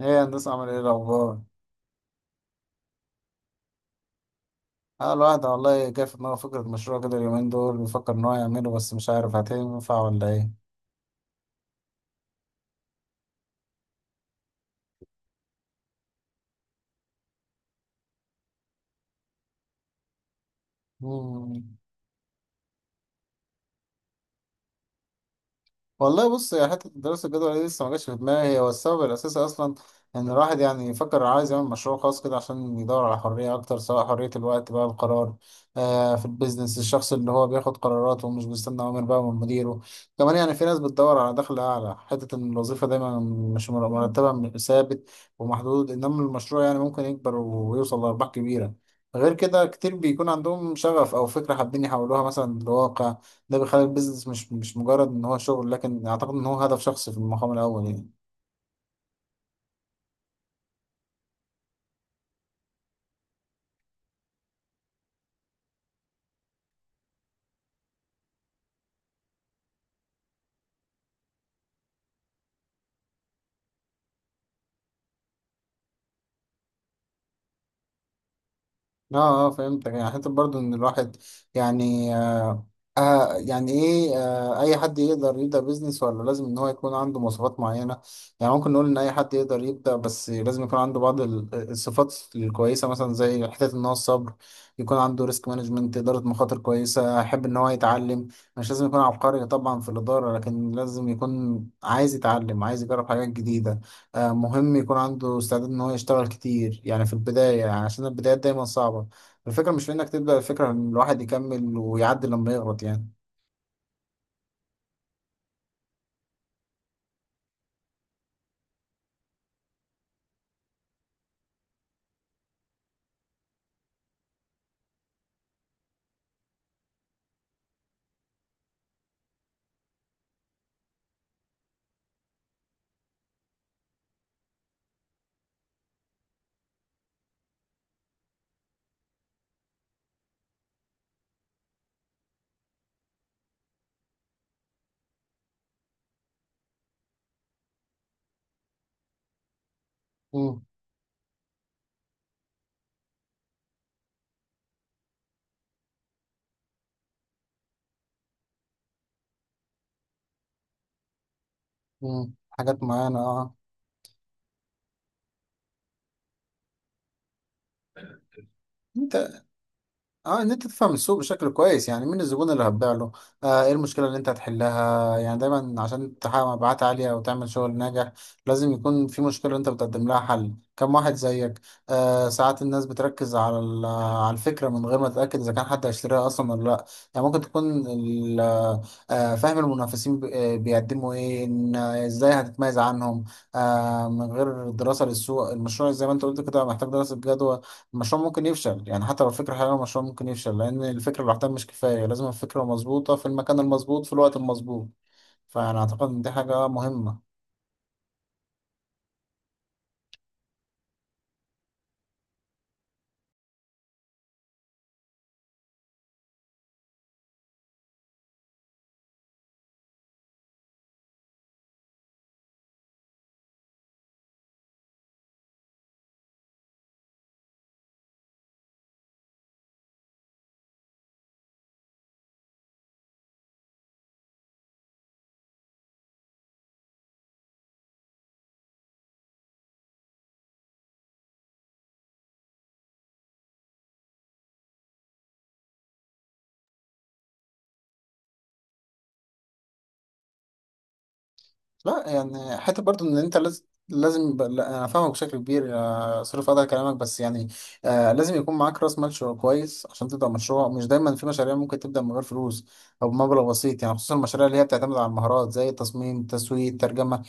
ايه هندسة، عامل ايه الأخبار؟ اه الواحد والله جه في دماغه فكرة مشروع كده، اليومين دول بيفكر إن هو يعمله، بس مش عارف هتنفع ولا ايه؟ مم. والله بص يا حتة، دراسة الجدوى دي لسه ما جاتش في دماغي هي، والسبب الأساسي أصلا إن الواحد يعني يفكر عايز يعمل مشروع خاص كده عشان يدور على حرية أكتر، سواء حرية الوقت بقى، القرار. في البيزنس الشخص اللي هو بياخد قراراته ومش بيستنى أوامر بقى من مديره. كمان يعني في ناس بتدور على دخل أعلى، حتة إن الوظيفة دايما مش مرتبها ثابت ومحدود، إنما المشروع يعني ممكن يكبر ويوصل لأرباح كبيرة. غير كده كتير بيكون عندهم شغف أو فكرة حابين يحولوها مثلا لواقع. ده بيخلي البيزنس مش مجرد ان هو شغل، لكن اعتقد ان هو هدف شخصي في المقام الاول يعني. اه اه، فهمتك. يعني حتى برضو ان الواحد يعني يعني ايه، اي حد يقدر يبدأ بيزنس ولا لازم ان هو يكون عنده مواصفات معينة؟ يعني ممكن نقول ان اي حد يقدر يبدأ، بس لازم يكون عنده بعض الصفات الكويسة، مثلا زي حتة ان هو الصبر، يكون عنده ريسك مانجمنت، إدارة مخاطر كويسة، يحب ان هو يتعلم. مش لازم يكون عبقري طبعا في الإدارة، لكن لازم يكون عايز يتعلم، عايز يجرب حاجات جديدة. مهم يكون عنده استعداد ان هو يشتغل كتير يعني في البداية، يعني عشان البدايات دايما صعبة. الفكرة مش في إنك تبدأ، الفكرة إن الواحد يكمل ويعدي لما يغلط يعني. مم. مم. حاجات معينة، اه. انت اه ان انت تفهم السوق بشكل كويس، يعني مين الزبون اللي هتبيع له؟ ايه المشكله اللي انت هتحلها؟ يعني دايما عشان تحقق مبيعات عاليه وتعمل شغل ناجح لازم يكون في مشكله انت بتقدم لها حل، كم واحد زيك. ساعات الناس بتركز على على الفكره من غير ما تتاكد اذا كان حد هيشتريها اصلا ولا لا. يعني ممكن تكون فاهم المنافسين بيقدموا ايه، ان ازاي هتتميز عنهم. من غير دراسه للسوق المشروع، زي ما انت قلت كده محتاج دراسه جدوى. المشروع ممكن يفشل، يعني حتى لو الفكرة حلوة المشروع ممكن يفشل، لأن الفكرة لوحدها مش كفاية. لازم الفكرة مظبوطة في المكان المظبوط في الوقت المظبوط. فأنا أعتقد إن دي حاجة مهمة. لا يعني حتى برضو إن أنت لازم، لا، أنا فاهمك بشكل كبير. صرف هذا كلامك، بس يعني لازم يكون معاك رأس مال كويس عشان تبدأ مشروع. مش دايما، في مشاريع ممكن تبدأ من غير فلوس أو بمبلغ بسيط، يعني خصوصا المشاريع اللي هي بتعتمد على المهارات زي التصميم، التسويق، الترجمة.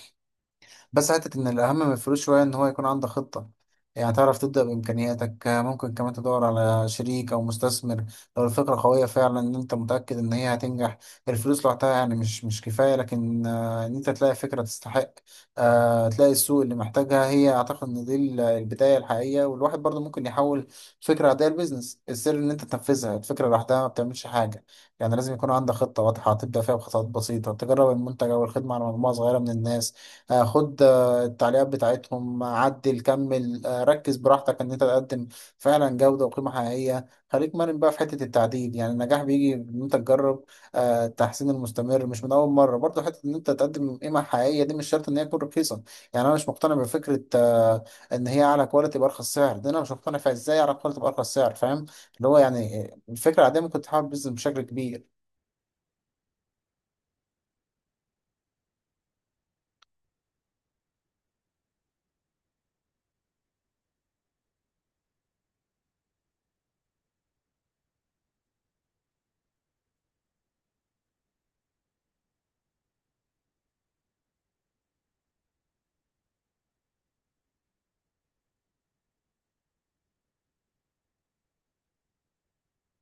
بس حتة إن الأهم من الفلوس شوية إن هو يكون عندك خطة، يعني تعرف تبدأ بإمكانياتك. ممكن كمان تدور على شريك أو مستثمر لو الفكرة قوية فعلا، إن أنت متأكد إن هي هتنجح. الفلوس لوحدها يعني مش كفاية، لكن إن أنت تلاقي فكرة تستحق، تلاقي السوق اللي محتاجها، هي أعتقد إن دي البداية الحقيقية. والواحد برضه ممكن يحول فكرة عادية لبيزنس، السر إن أنت تنفذها. الفكرة لوحدها ما بتعملش حاجة، يعني لازم يكون عندك خطة واضحة، تبدأ فيها بخطوات بسيطة، تجرب المنتج أو الخدمة على مجموعة صغيرة من الناس. خد التعليقات بتاعتهم، عدل، كمل. ركز براحتك ان انت تقدم فعلا جودة وقيمة حقيقية. خليك مرن بقى في حتة التعديل، يعني النجاح بيجي ان انت تجرب. التحسين المستمر مش من اول مرة، برضه حتة ان انت تقدم قيمة حقيقية دي مش شرط ان هي تكون رخيصة. يعني انا مش مقتنع بفكرة ان هي اعلى كواليتي بارخص سعر. ده انا مش مقتنع فيها، ازاي اعلى كواليتي بارخص سعر؟ فاهم، اللي هو يعني الفكرة العادية ممكن تحول بيزنس بشكل كبير.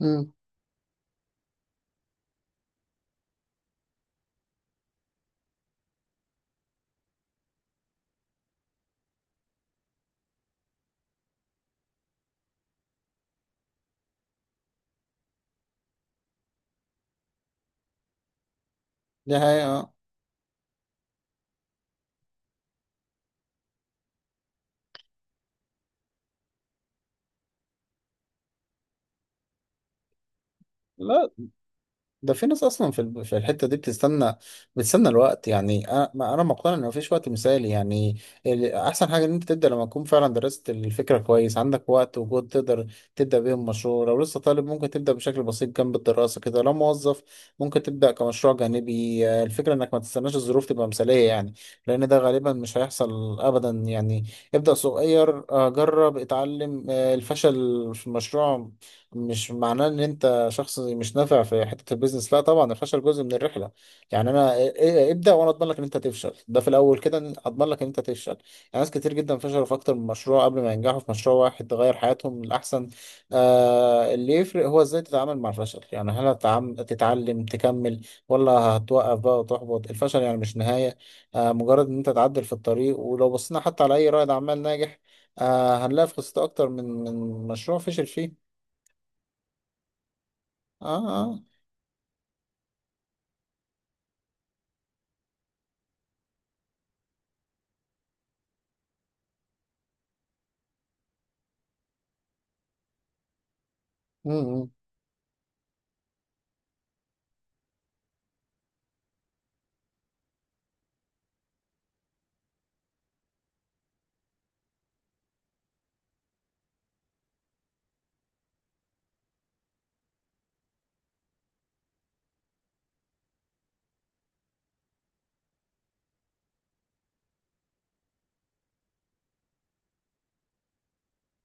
امم. دي حقيقة. لا، ده في ناس اصلا في في الحته دي بتستنى، بتستنى الوقت. يعني انا انا مقتنع ان مفيش وقت مثالي يعني. احسن حاجه ان انت تبدا لما تكون فعلا درست الفكره كويس، عندك وقت وجهد تقدر تبدا بيهم مشروع. لو لسه طالب ممكن تبدا بشكل بسيط جنب الدراسه كده، لو موظف ممكن تبدا كمشروع جانبي. الفكره انك ما تستناش الظروف تبقى مثاليه، يعني لان ده غالبا مش هيحصل ابدا يعني. ابدا صغير، جرب، اتعلم. الفشل في المشروع مش معناه ان انت شخص مش نافع في حته البيزنس، لا طبعا. الفشل جزء من الرحله، يعني انا إيه- إيه- إيه، ابدا وانا اضمن لك ان انت تفشل ده في الاول كده، اضمن لك ان انت تفشل يعني. ناس كتير جدا فشلوا في اكتر من مشروع قبل ما ينجحوا في مشروع واحد تغير حياتهم للاحسن. اللي يفرق هو ازاي تتعامل مع الفشل، يعني هل تتعلم تكمل ولا هتوقف بقى وتحبط؟ الفشل يعني مش نهايه، مجرد ان انت تعدل في الطريق. ولو بصينا حتى على اي رائد اعمال ناجح، هنلاقي في قصته اكتر من مشروع فشل فيه. اه اه.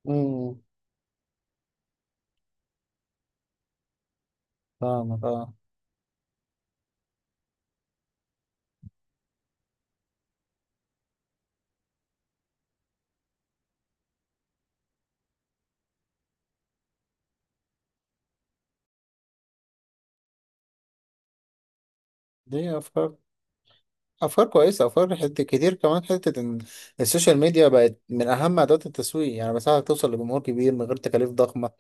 امم فاهمك، اه. دي افكار، افكار كويسه. افكار حته كتير، كمان حته ان السوشيال ميديا بقت من اهم ادوات التسويق، يعني بساعدك توصل لجمهور كبير من غير تكاليف ضخمه.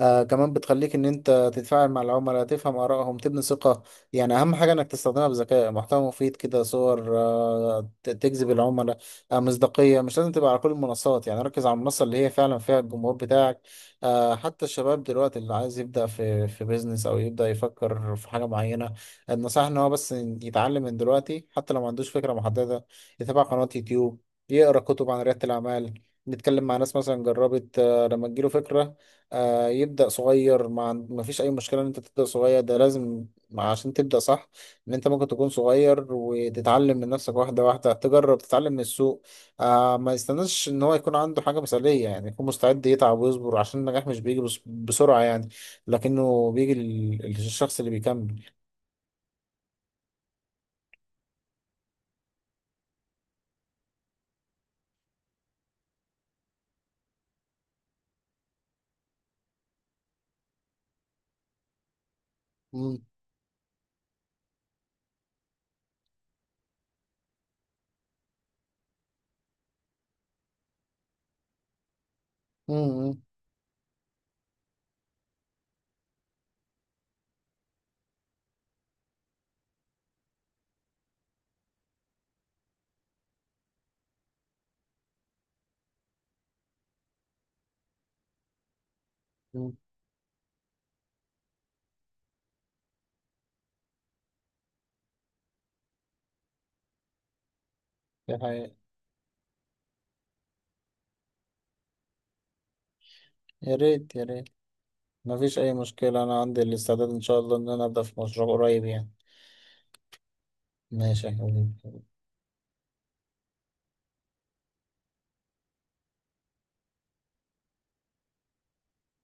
كمان بتخليك ان انت تتفاعل مع العملاء، تفهم ارائهم، تبني ثقة. يعني اهم حاجة انك تستخدمها بذكاء، محتوى مفيد كده، صور تجذب العملاء، مصداقية. مش لازم تبقى على كل المنصات، يعني ركز على المنصة اللي هي فعلا فيها الجمهور بتاعك. حتى الشباب دلوقتي اللي عايز يبدأ في بيزنس او يبدأ يفكر في حاجة معينة، النصيحة ان هو بس يتعلم من دلوقتي، حتى لو ما عندوش فكرة محددة. يتابع قناة يوتيوب، يقرأ كتب عن ريادة الأعمال، نتكلم مع ناس مثلا جربت. لما تجيله فكرة، يبدأ صغير. ما فيش أي مشكلة إن أنت تبدأ صغير، ده لازم عشان تبدأ صح. إن أنت ممكن تكون صغير وتتعلم من نفسك، واحدة واحدة تجرب، تتعلم من السوق. ما يستناش إن هو يكون عنده حاجة مثالية، يعني يكون مستعد يتعب ويصبر عشان النجاح مش بيجي بسرعة يعني، لكنه بيجي للشخص اللي بيكمل. مم. مم. مم. دي حقيقة. يا ريت يا ريت. ما فيش أي مشكلة، أنا عندي الاستعداد إن شاء الله إن أنا أبدأ في مشروع قريب يعني. ماشي يا حبيبي.